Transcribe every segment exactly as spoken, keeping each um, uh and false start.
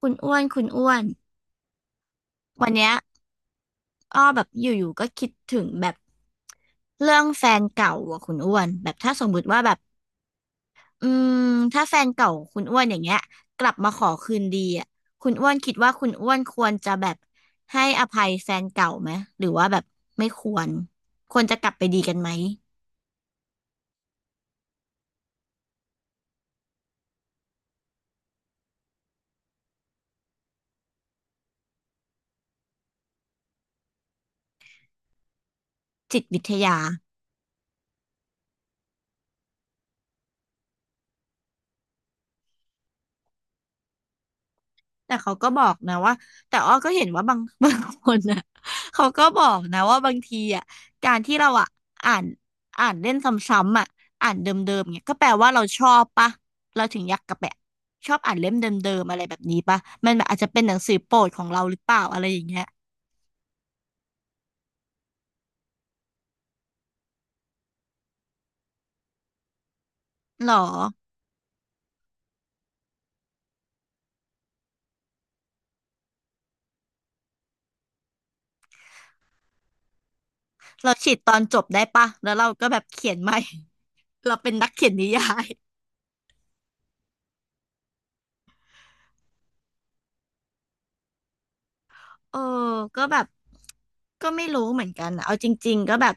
คุณอ้วน คุณอ้วน วันเนี้ยอ้อแบบอยู่ๆก็คิดถึงแบบเรื่องแฟนเก่าอ่ะคุณอ้วนแบบถ้าสมมุติว่าแบบอืมถ้าแฟนเก่าคุณอ้วนอย่างเงี้ยกลับมาขอคืนดีอ่ะคุณอ้วนคิดว่าคุณอ้วนควรจะแบบให้อภัยแฟนเก่าไหมหรือว่าแบบไม่ควรควรจะกลับไปดีกันไหมจิตวิทยา แต่เขาก็บอกนะว่าแต่อ้อก็เห็นว่าบาง บางคนน่ะเขาก็บอกนะว่าบางทีอ่ะการที่เราอ่ะอ่านอ่านเล่นซ้ำๆอ่ะอ่านเดิมๆเนี่ยก็แปลว่าเราชอบปะเราถึงอยากกลับไปชอบอ่านเล่มเดิมๆอะไรแบบนี้ปะมันแบบอาจจะเป็นหนังสือโปรดของเราหรือเปล่าอะไรอย่างเงี้ยหรอเราฉีดตอนจบได้ปะแล้วเราก็แบบเขียนใหม่ เราเป็นนักเขียนนิยาย เออก็แบบก็ไม่รู้เหมือนกันอะเอาจริงๆก็แบบ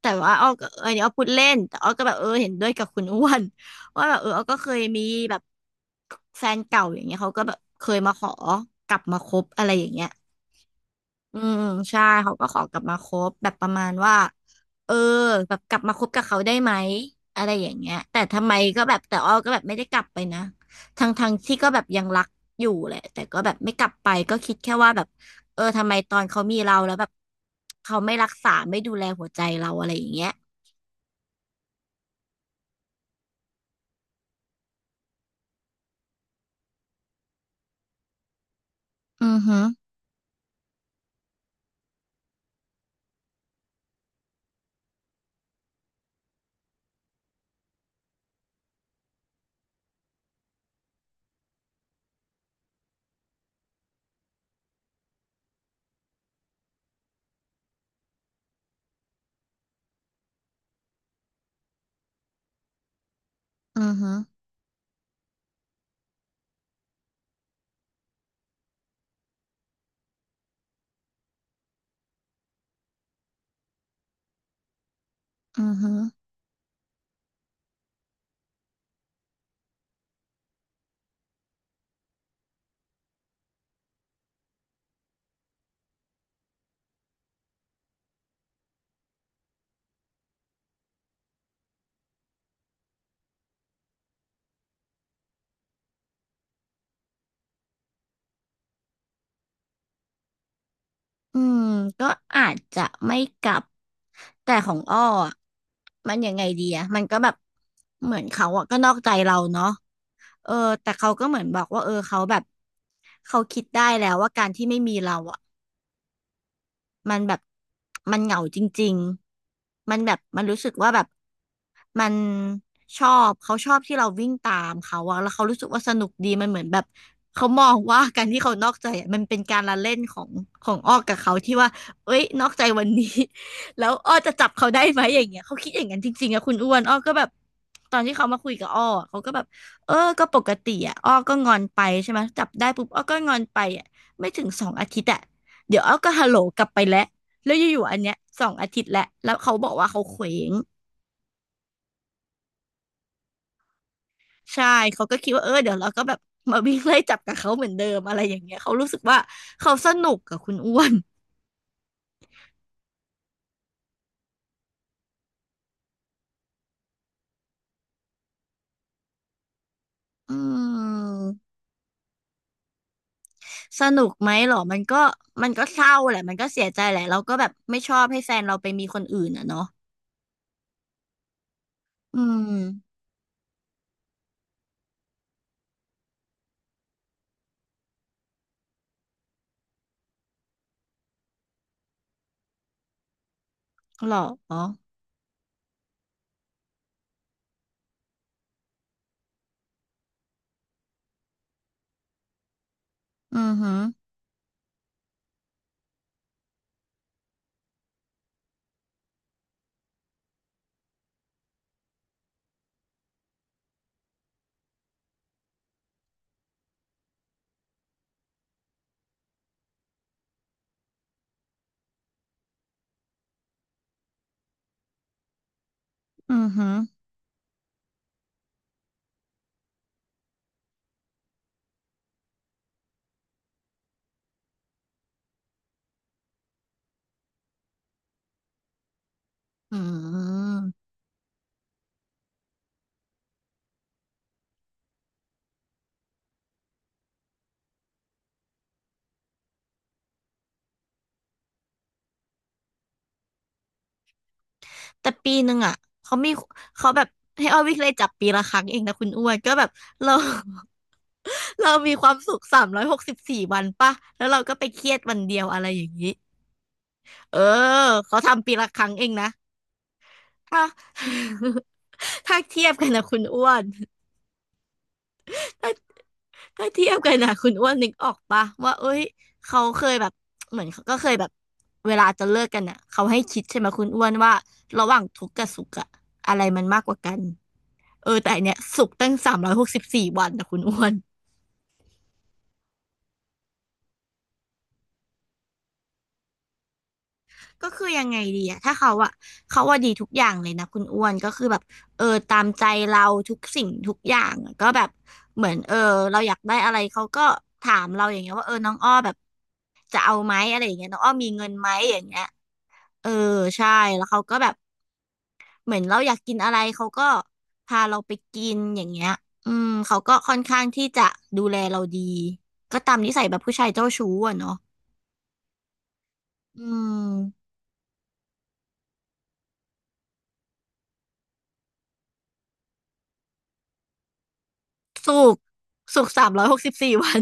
แต่ว่าอ้อก็เอออันนี้อ้อพูดเล่น แต่อ้อก็แบบเออเห็นด้วยกับคุณอ้วน ว่าแบบเอออ้อก็เคยมีแบบแฟนเก่าอย่างเงี้ยเขาก็แบบเคยมาขอกลับมาคบอะไรอย่างเงี้ย อืมใช่เขาก็ขอกลับมาคบแบบประมาณว่าเออแบบกลับมาคบกับเขาได้ไหมอะไรอย่างเงี้ยแต่ทำไมก็แบบแต่อ้อก็แบบไม่ได้กลับไปนะทั้งทั้งที่ก็แบบยังรักอยู่แหละแต่ก็แบบไม่กลับไปก็คิดแค่ว่าแบบเออทำไมตอนเขามีเราแล้วแบบเขาไม่รักษาไม่ดูแลหัวใจเราอะไรอย่างเงี้ยอือฮึอือฮึอือฮึ อืมก็อาจจะไม่กลับแต่ของอ้ออะมันยังไงดีอะมันก็แบบเหมือนเขาอะก็นอกใจเราเนาะเออแต่เขาก็เหมือนบอกว่าเออเขาแบบเขาคิดได้แล้วว่าการที่ไม่มีเราอะ มันแบบมันเหงาจริงๆมันแบบมันรู้สึกว่าแบบมันชอบเขาชอบที่เราวิ่งตามเขาอะแล้วเขารู้สึกว่าสนุกดีมันเหมือนแบบเขามองว่าการที่เขานอกใจอะมันเป็นการละเล่นของของอ้อกับเขาที่ว่าเอ้ยนอกใจวันนี้ แล้วอ้อจะจับเขาได้ไหมอย่างเงี้ยเขาคิดอย่างนั้นจริงๆอะคุณอ้วนอ้อก็แบบตอนที่เขามาคุยกับอ้ออะเขาก็แบบเออก็ปกติอะอ้อก็งอนไปใช่ไหมจับได้ปุ๊บอ้อก็งอนไปอะไม่ถึงสองอาทิตย์อะ เดี๋ยวเอาก็ฮัลโหลกลับไปแล้วแล้วอยู่ๆอันเนี้ยสองอาทิตย์แล้วแล้วเขาบอกว่าเขาเคว้งใช่เขาก็คิดว่าเออเดี๋ยวเราก็แบบมาวิ่งไล่จับกับเขาเหมือนเดิมอะไรอย่างเงี้ยเขารู้สึกว่าเขาสนุกกับคุณอ้วนอืมสนุกไหมหรอมันก็มันก็เศร้าแหละมันก็เสียใจแหละเราก็แบบไม่ชอบให้แฟนเราไปมีคนอื่นอ่ะเนาะอืมหรออือหืออือหืออืม แต่ปีหนึ่งอ่ะเขามีเขาแบบให้ออวิกเลยจับปีละครั้งเองนะคุณอ้วนก็แบบเรา เรามีความสุขสามร้อยหกสิบสี่วันป่ะแล้วเราก็ไปเครียดวันเดียวอะไรอย่างนี้เออเขาทำปีละครั้งเองนะถ้า ถ้าเทียบกันนะคุณอ้วนถ้าถ้าเทียบกันนะคุณอ้วนนึกออกปะว่าเอ้ยเขาเคยแบบเหมือนเขาก็เคยแบบเวลาจะเลิกกันอ่ะเขาให้คิดใช่ไหมคุณอ้วนว่าระหว่างทุกข์กับสุขอะอะไรมันมากกว่ากัน เออแต่อันเนี้ยสุกตั้งสามร้อยหกสิบสี่วันนะคุณอ้วนก็คือยังไงดีอะถ้าเขาอะเขาว่าดีทุกอย่างเลยนะคุณอ้วนก็คือแบบเออตามใจเราทุกสิ่งทุกอย่างอะก็แบบเหมือนเออเราอยากได้อะไรเขาก็ถามเราอย่างเงี้ยว่าเออน้องอ้อแบบจะเอาไหมอะไรอย่างเงี้ยน้องอ้อมีเงินไหมอย่างเงี้ยเออใช่แล้วเขาก็แบบเหมือนเราอยากกินอะไรเขาก็พาเราไปกินอย่างเงี้ยอืมเขาก็ค่อนข้างที่จะดูแลเราดีก็ตามนิสัยแบบผู้ชายเจ้าชู้อะเนาะ อืมสุกสุกสามร้อยหกสิบสี่ วัน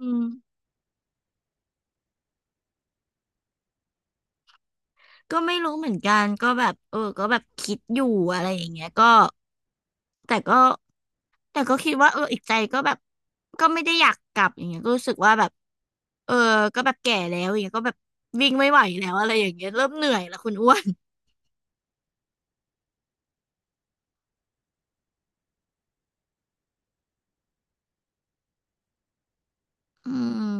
อืมก็ไม่รู้เหมือนกันก็แบบเออก็แบบคิดอยู่อะไรอย่างเงี้ยก็แต่ก็แต่ก็คิดว่าเอออีกใจก็แบบก็ไม่ได้อยากกลับอย่างเงี้ยก็รู้สึกว่าแบบเออก็แบบแก่แล้วอย่างเงี้ยก็แบบวิ่งไม่ไหวแล้วอะไรอย่างเงี้ยเริ่มเหนื่อยแล้วคุณอ้วนอืม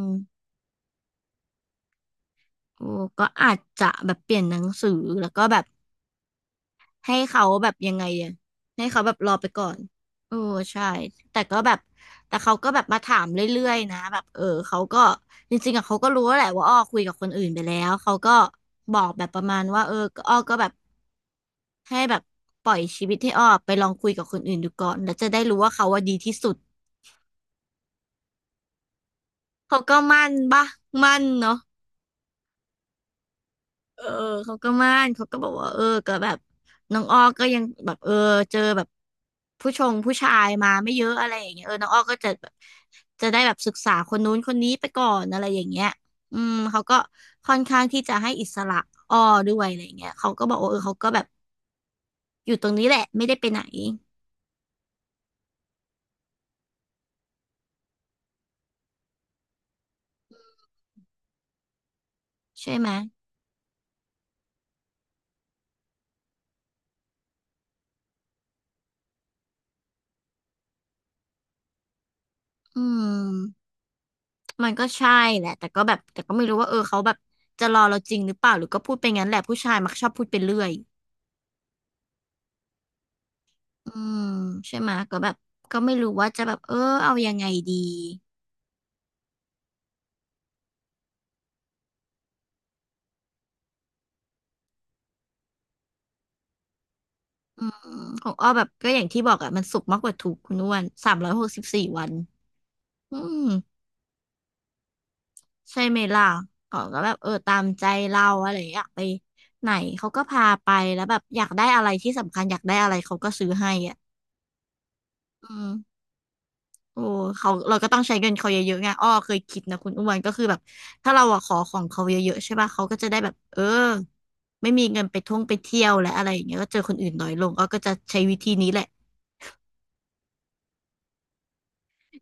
โอ้ก็อาจจะแบบเปลี่ยนหนังสือแล้วก็แบบ ให้เขาแบบยังไงอะให้เขาแบบรอไปก่อนเออใช่แต่ก็แบบแต่เขาก็แบบมาถามเรื่อยๆนะแบบเออเขาก็จริงๆอะเขาก็รู้แหละว่าอ้อคุยกับคนอื่นไปแล้ว เขาก็บอกแบบประมาณว่าเออก็อ้อก็แบบให้แบบปล่อยชีวิตให้อ้อไปลองคุยกับคนอื่นดูก่อน แล้วจะได้รู้ว่าเขาว่าดีที่สุดเขาก็มั่นปะมั่นเนาะ เออเขาก็มั่นเขาก็บอกว่าเออก็แบบน้องอ้อก็ยังแบบเออเจอแบบผู้ชงผู้ชายมาไม่เยอะอะไรอย่างเงี้ยเออน้องอ้อก็จะแบบจะได้แบบศึกษาคนนู้นคนนี้ไปก่อนอะไรอย่างเงี้ยอืมเขาก็ค่อนข้างที่จะให้อิสระอ้อด้วยอะไรอย่างเงี้ยเขาก็บอกว่าเออเขาก็แบบอยู่ตรงนี้แหละไม่ได้ไปไหนใช่ไหมอืมมันก็ใช่แหละแต่ก็แบบแต่ก็ไม่รู้ว่าเออเขาแบบจะรอเราจริงหรือเปล่าหรือก็พูดไปงั้นแหละผู้ชายมักชอบพูดไปเรื่อย อืมใช่ไหมะก็แบบก็ไม่รู้ว่าจะแบบเออเอายังไงดีอืมของอ้อแบบก็อย่างที่บอกอะมันสุกมากกว่าทุกข์คุณอ้วนสามร้อยหกสิบสี่วันอืมใช่ไหมล่ะเขาก็แบบเออตามใจเราอะไรอย่างเงี้ยอยากไปไหนเขาก็พาไปแล้วแบบอยากได้อะไรที่สำคัญอยากได้อะไรเขาก็ซื้อให้อ่ะอืม โอ้เขาเราก็ต้องใช้เงินเขาเยอะๆไงอ้อเคยคิดนะคุณอ้วนก็คือแบบถ้าเราอะขอของเขาเยอะๆใช่ป่ะเขาก็จะได้แบบเออไม่มีเงินไปท่องไปเที่ยวและอะไรอย่างเงี้ยก็เจอคนอื่นน้อยลงอ้อก็จะใช้วิธีนี้แหละ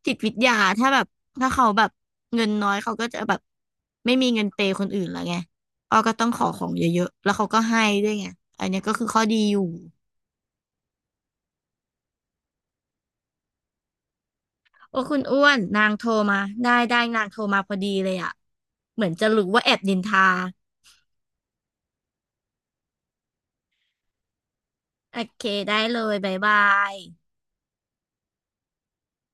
จิตวิทยาถ้าแบบถ้าเขาแบบเงินน้อยเขาก็จะแบบไม่มีเงินเปย์คนอื่นละไงอ้อก็ต้องขอของเยอะๆแล้วเขาก็ให้ด้วยไงอันเนี้ยก็คือข้อดีอยู่โอ้คุณอ้วนนางโทรมาได้ได้นางโทรมาพอดีเลยอะเหมือนจะรู้ว่าแอบนินทา โอเคได้เลยบ๊ายบาย